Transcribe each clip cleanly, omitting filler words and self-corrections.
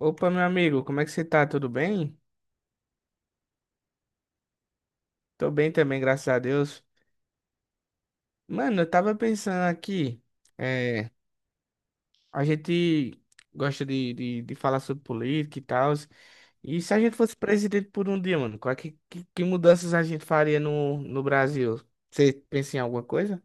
Opa, meu amigo, como é que você tá? Tudo bem? Tô bem também, graças a Deus. Mano, eu tava pensando aqui, é, a gente gosta de falar sobre política e tal, e se a gente fosse presidente por um dia, mano, qual é que mudanças a gente faria no Brasil? Você pensa em alguma coisa?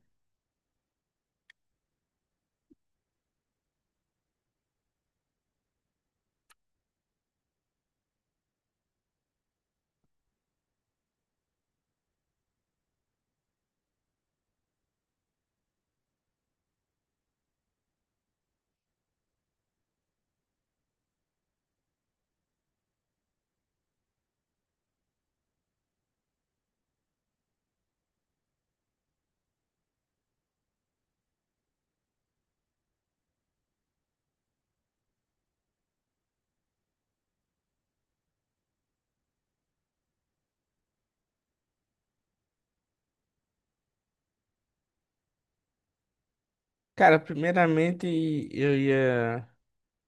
Cara, primeiramente eu ia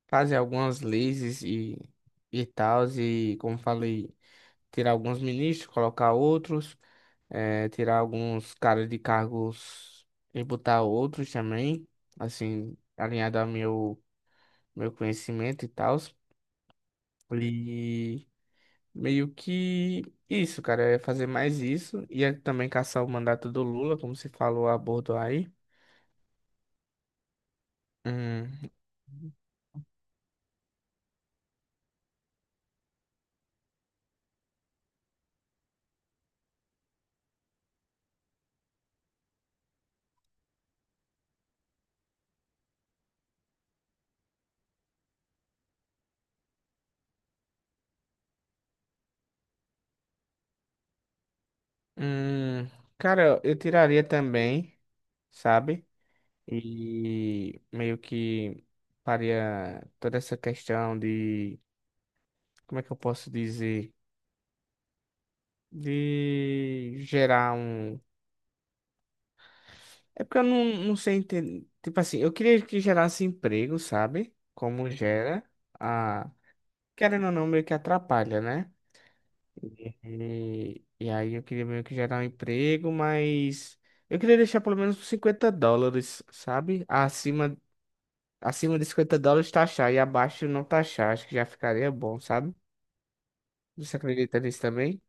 fazer algumas leis e tal, e como falei, tirar alguns ministros, colocar outros. Tirar alguns caras de cargos e botar outros também, assim, alinhado ao meu conhecimento e tal. E meio que isso, cara, é fazer mais isso. E é também caçar o mandato do Lula, como você falou a bordo aí. Hum, hum, cara, eu tiraria também, sabe? E meio que faria toda essa questão de, como é que eu posso dizer? De gerar um. É porque eu não sei entender. Tipo assim, eu queria que gerasse emprego, sabe? Como gera. A... Querendo ou não, meio que atrapalha, né? E aí eu queria meio que gerar um emprego, mas eu queria deixar pelo menos uns 50 dólares, sabe? Acima, acima de 50 dólares taxar e abaixo não taxar. Acho que já ficaria bom, sabe? Você acredita nisso também?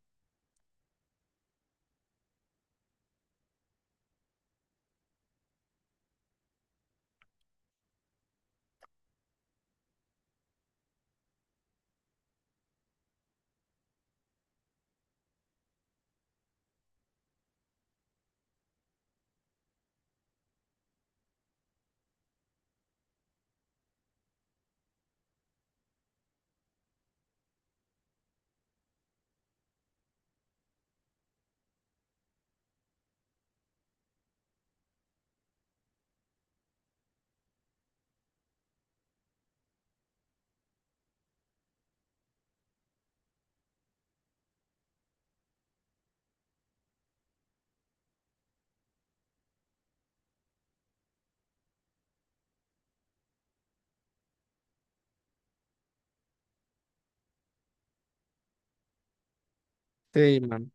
Sei, mano.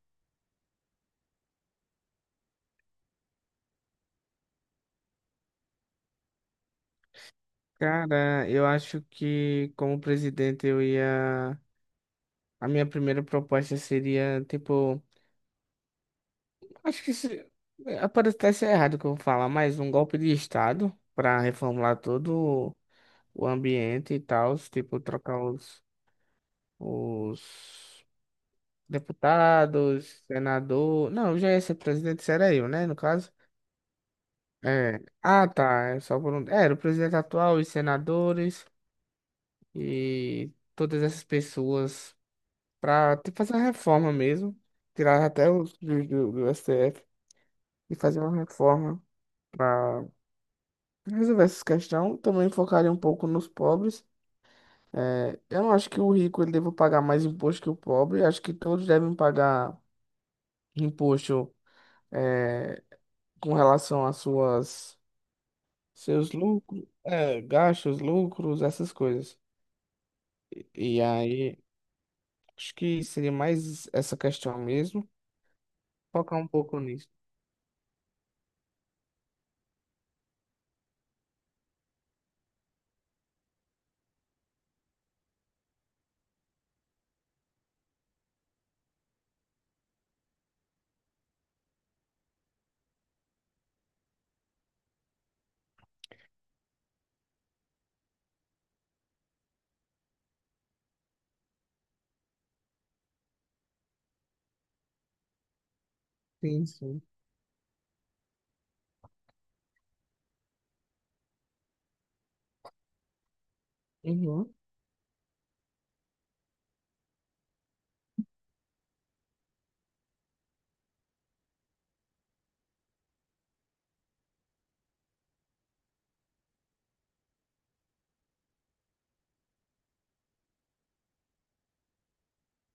Cara, eu acho que como presidente eu ia. A minha primeira proposta seria, tipo, acho que se, pode até ser errado o que eu vou falar, mas um golpe de Estado para reformular todo o ambiente e tal, tipo, trocar os deputados, senador. Não, já ia ser presidente, isso era eu, né, no caso. É. Ah, tá, é só por um. Era o presidente atual, os senadores e todas essas pessoas para fazer a reforma mesmo, tirar até os do STF. E fazer uma reforma para resolver essa questão. Também focaria um pouco nos pobres. É, eu não acho que o rico ele deva pagar mais imposto que o pobre. Acho que todos devem pagar imposto é, com relação às suas seus lucros, gastos, lucros, essas coisas. E aí, acho que seria mais essa questão mesmo. Focar um pouco nisso. Sim, sim. Uhum.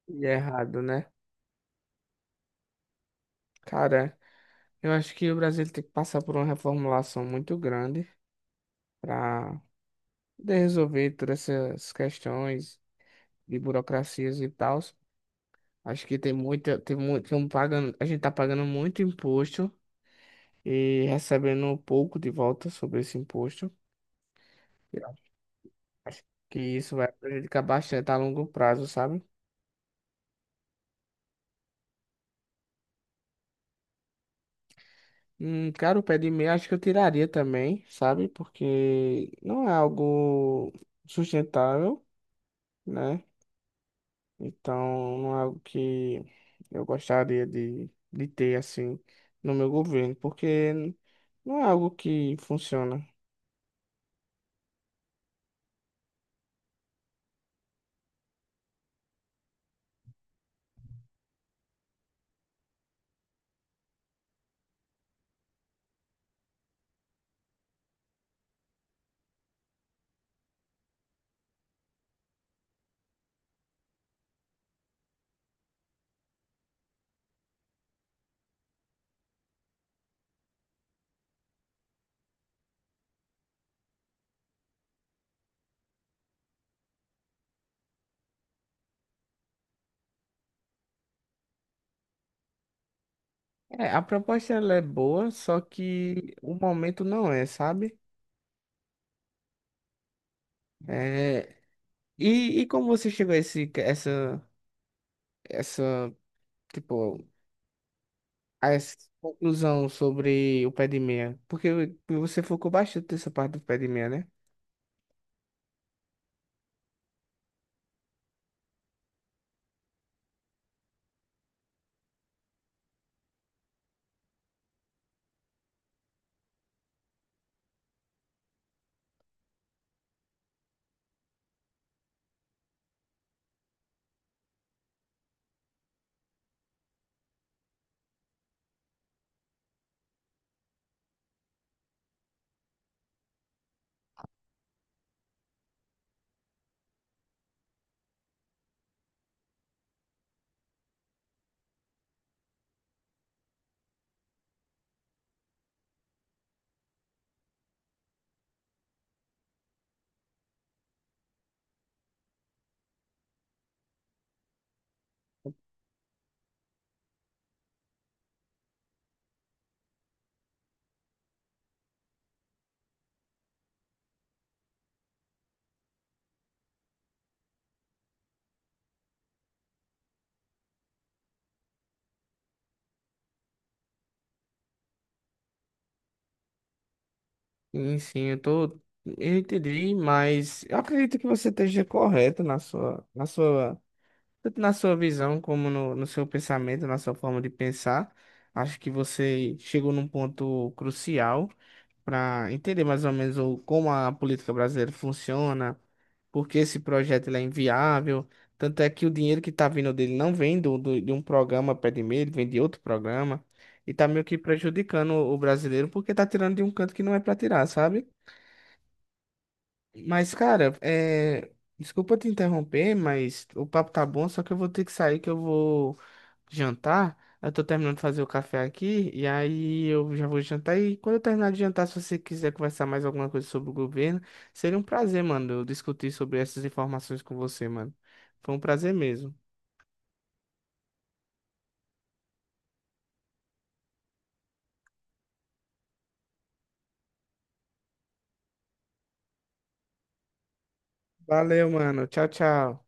E é errado, né? Cara, eu acho que o Brasil tem que passar por uma reformulação muito grande para poder resolver todas essas questões de burocracias e tal. Acho que tem muita, tem muito, tem um pagando, a gente tá pagando muito imposto e recebendo pouco de volta sobre esse imposto. Eu acho que isso vai prejudicar bastante a longo prazo, sabe? Cara, o pé de meia acho que eu tiraria também, sabe? Porque não é algo sustentável, né? Então, não é algo que eu gostaria de ter assim no meu governo, porque não é algo que funciona. É, a proposta ela é boa, só que o momento não é, sabe? É, e como você chegou a esse, essa, tipo, a essa conclusão sobre o pé de meia? Porque você focou bastante nessa parte do pé de meia, né? Sim, sim, eu tô. Eu entendi, mas eu acredito que você esteja correto na sua, tanto na sua visão como no seu pensamento, na sua forma de pensar. Acho que você chegou num ponto crucial para entender mais ou menos como a política brasileira funciona, por que esse projeto ele é inviável. Tanto é que o dinheiro que está vindo dele não vem de um programa pé de meia, ele vem de outro programa. E tá meio que prejudicando o brasileiro porque tá tirando de um canto que não é para tirar, sabe? Mas, cara, é... desculpa te interromper, mas o papo tá bom, só que eu vou ter que sair, que eu vou jantar. Eu tô terminando de fazer o café aqui, e aí eu já vou jantar. E quando eu terminar de jantar, se você quiser conversar mais alguma coisa sobre o governo, seria um prazer, mano, eu discutir sobre essas informações com você, mano. Foi um prazer mesmo. Valeu, mano. Tchau, tchau.